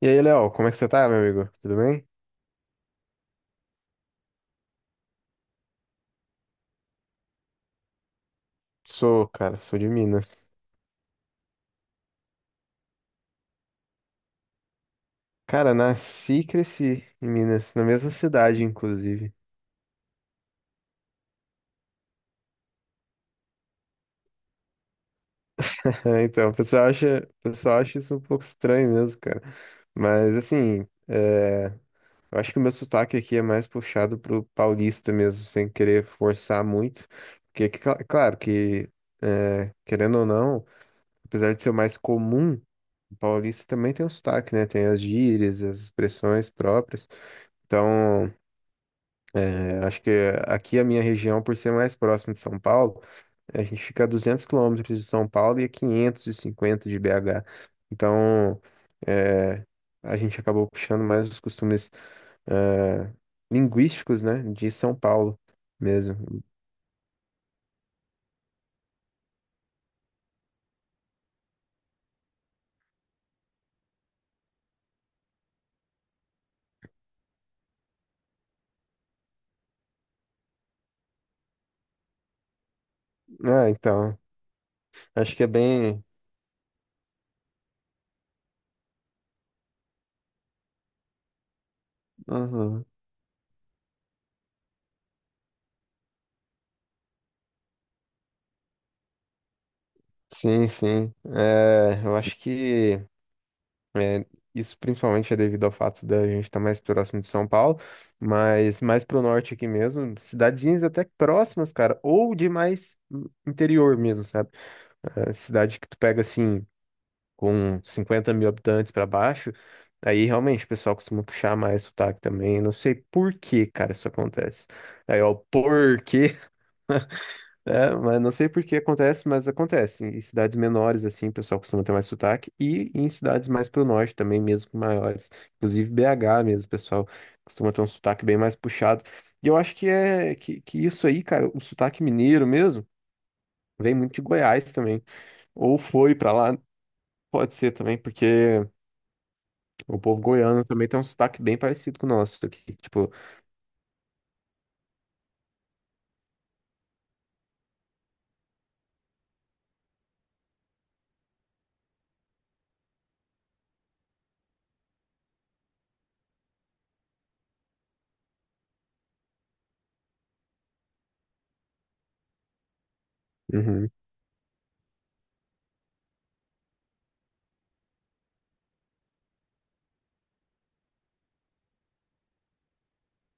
E aí, Léo, como é que você tá, meu amigo? Tudo bem? Sou, cara, sou de Minas. Cara, nasci e cresci em Minas, na mesma cidade, inclusive. Então, o pessoal acha isso um pouco estranho mesmo, cara. Mas, assim, eu acho que o meu sotaque aqui é mais puxado pro paulista mesmo, sem querer forçar muito. Porque, claro que, querendo ou não, apesar de ser o mais comum, o paulista também tem um sotaque, né? Tem as gírias, as expressões próprias. Então. Acho que aqui a minha região, por ser mais próxima de São Paulo, a gente fica a 200 quilômetros de São Paulo e a 550 de BH. Então, é, a gente acabou puxando mais os costumes eh, linguísticos, né, de São Paulo mesmo. Ah, então, acho que é bem. Uhum. Sim, sim. Eu acho que é, isso principalmente é devido ao fato da gente estar mais próximo de São Paulo, mas mais pro norte aqui mesmo, cidadezinhas até próximas, cara, ou de mais interior mesmo, sabe? É, cidade que tu pega assim, com 50 mil habitantes pra baixo, aí realmente o pessoal costuma puxar mais sotaque também. Não sei por que, cara, isso acontece. Aí, ó, por quê? É, mas não sei por que acontece, mas acontece. Em cidades menores, assim, o pessoal costuma ter mais sotaque. E em cidades mais pro norte também, mesmo maiores. Inclusive BH mesmo, o pessoal costuma ter um sotaque bem mais puxado. E eu acho que que isso aí, cara, o sotaque mineiro mesmo, vem muito de Goiás também. Ou foi pra lá, pode ser também, porque o povo goiano também tem um sotaque bem parecido com o nosso aqui. Tipo, uhum,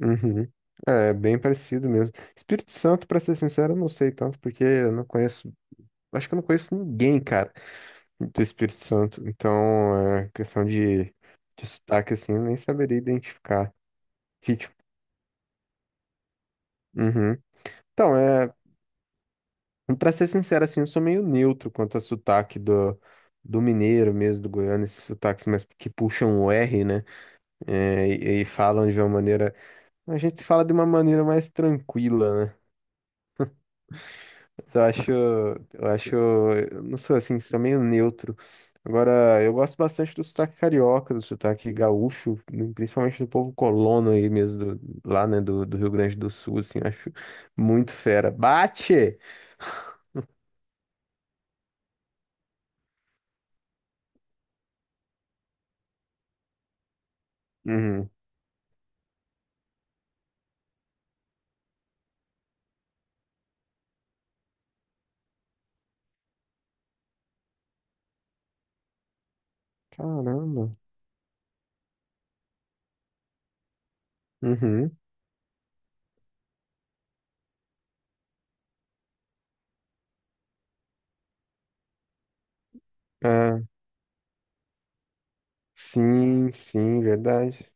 uhum. É, bem parecido mesmo. Espírito Santo, pra ser sincero, eu não sei tanto, porque eu não conheço. Acho que eu não conheço ninguém, cara, do Espírito Santo. Então, é questão de sotaque, assim, eu nem saberia identificar. Ritmo. Uhum. Então, é, pra ser sincero, assim, eu sou meio neutro quanto a sotaque do mineiro mesmo, do goiano, esses sotaques mais que puxam o R, né? É, e falam de uma maneira. A gente fala de uma maneira mais tranquila, né? Eu acho, eu acho, eu não sei, assim, sou meio neutro. Agora, eu gosto bastante do sotaque carioca, do sotaque gaúcho, principalmente do povo colono aí mesmo, lá, né, do Rio Grande do Sul, assim, eu acho muito fera. Bate! Uhum. Caramba. Uhum. Ah, sim, sim, verdade,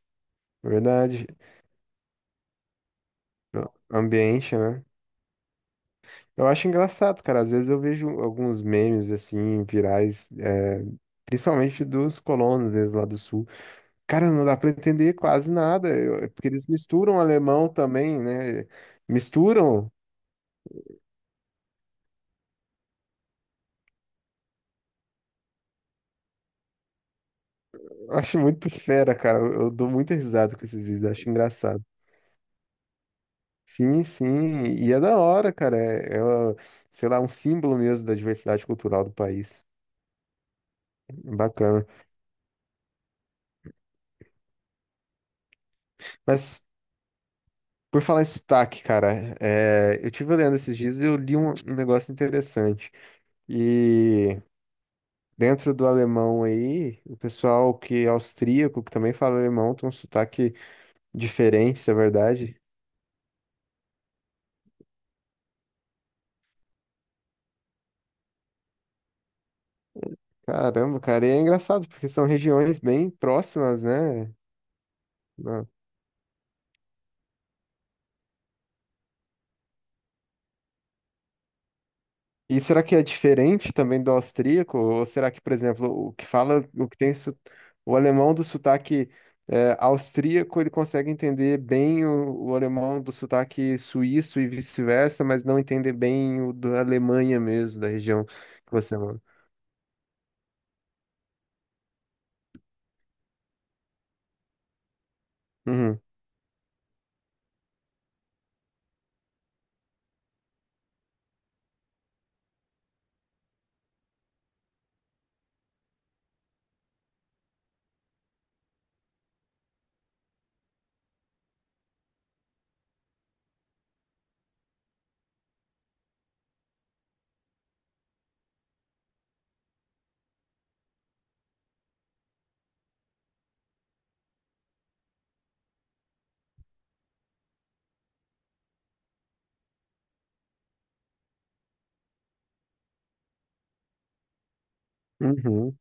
verdade. O ambiente, né? Eu acho engraçado, cara, às vezes eu vejo alguns memes, assim, virais, é, principalmente dos colonos, mesmo lá do Sul. Cara, não dá para entender quase nada, é porque eles misturam alemão também, né? Misturam. Eu acho muito fera, cara. Eu dou muita risada com esses vídeos, eu acho engraçado. Sim, sim, e é da hora, cara. É, é, ó, sei lá, um símbolo mesmo da diversidade cultural do país. Bacana. Mas, por falar em sotaque, cara, é, eu tive lendo esses dias e eu li um negócio interessante. E dentro do alemão aí, o pessoal que é austríaco, que também fala alemão, tem um sotaque diferentes, é verdade. Caramba, cara, e é engraçado, porque são regiões bem próximas, né? Na- E será que é diferente também do austríaco? Ou será que, por exemplo, o que fala, o que tem su- o alemão do sotaque é, austríaco, ele consegue entender bem o alemão do sotaque suíço e vice-versa, mas não entender bem o da Alemanha mesmo, da região que você mora. Uhum. Uhum.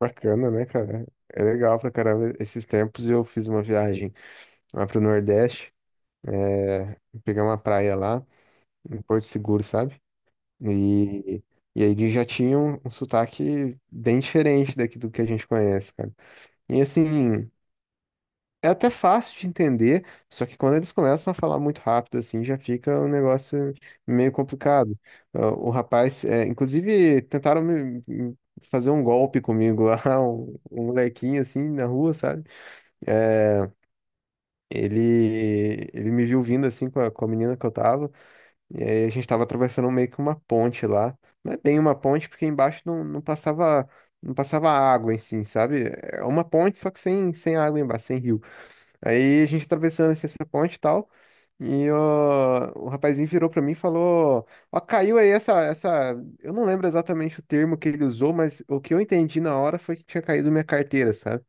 Bacana, né, cara? É legal pra caramba. Esses tempos eu fiz uma viagem lá pro Nordeste. Pegar uma praia lá, em Porto Seguro, sabe? E, e aí eles já tinham um sotaque bem diferente daqui do que a gente conhece, cara. E assim, é até fácil de entender, só que quando eles começam a falar muito rápido, assim, já fica um negócio meio complicado. Ah, o rapaz, é, inclusive, tentaram me fazer um golpe comigo lá, um molequinho assim na rua, sabe? É, ele me viu vindo assim com com a menina que eu tava. E aí a gente tava atravessando meio que uma ponte lá. Não é bem uma ponte, porque embaixo não passava, não passava água em si, sabe? É uma ponte, só que sem, sem água embaixo, sem rio. Aí a gente atravessando assim, essa ponte e tal. E ó, o rapazinho virou pra mim e falou: Ó, caiu aí essa. Eu não lembro exatamente o termo que ele usou, mas o que eu entendi na hora foi que tinha caído minha carteira, sabe?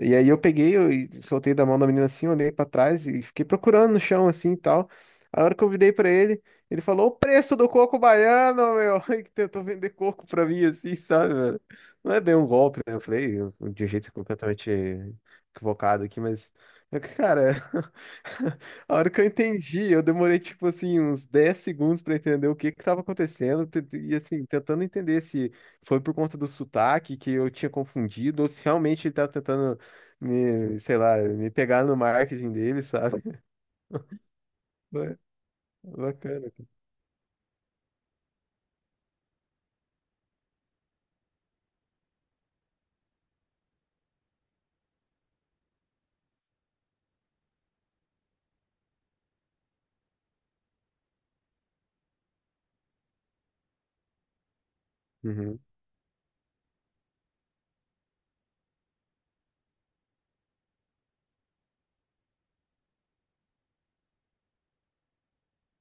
E aí eu soltei da mão da menina assim, olhei pra trás e fiquei procurando no chão assim e tal. A hora que eu virei pra ele, ele falou o preço do coco baiano, meu, e que tentou vender coco pra mim assim, sabe, velho? Não é bem um golpe, né? De um jeito completamente equivocado aqui, mas cara, a hora que eu entendi, eu demorei, tipo assim, uns 10 segundos pra entender o que que tava acontecendo, e assim, tentando entender se foi por conta do sotaque que eu tinha confundido, ou se realmente ele tava tentando me, sei lá, me pegar no marketing dele, sabe? Ba- Bacana. Uhum.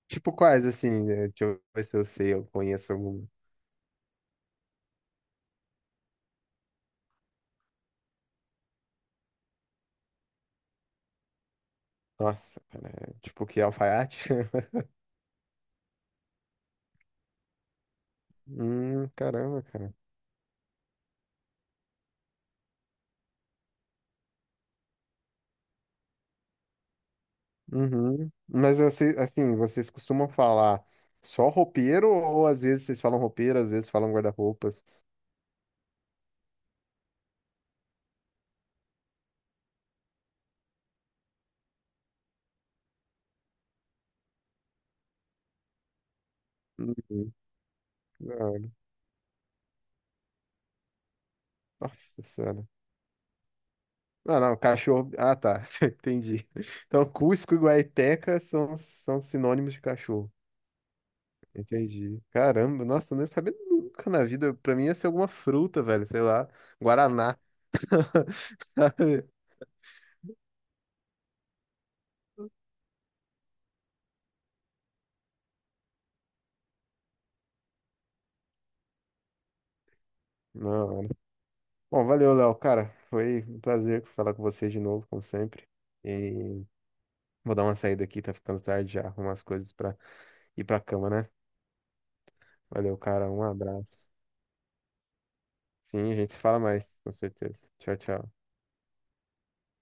Tipo, quais, assim, né? Deixa eu ver se eu sei, eu conheço algum. Nossa, cara, é tipo que alfaiate? Caramba, cara. Uhum. Mas assim, assim, vocês costumam falar só roupeiro ou às vezes vocês falam roupeiro, às vezes falam guarda-roupas? Uhum. Ah, nossa senhora. Não, não, cachorro. Ah, tá, entendi. Então, Cusco e Guaipeca são, são sinônimos de cachorro. Entendi. Caramba, nossa, eu não ia saber nunca na vida. Pra mim ia ser alguma fruta, velho, sei lá, Guaraná. Sabe? Não. Mano. Bom, valeu, Léo, cara. Foi um prazer falar com vocês de novo, como sempre. E vou dar uma saída aqui, tá ficando tarde já. Arrumar as coisas pra ir pra cama, né? Valeu, cara. Um abraço. Sim, a gente se fala mais, com certeza. Tchau, tchau.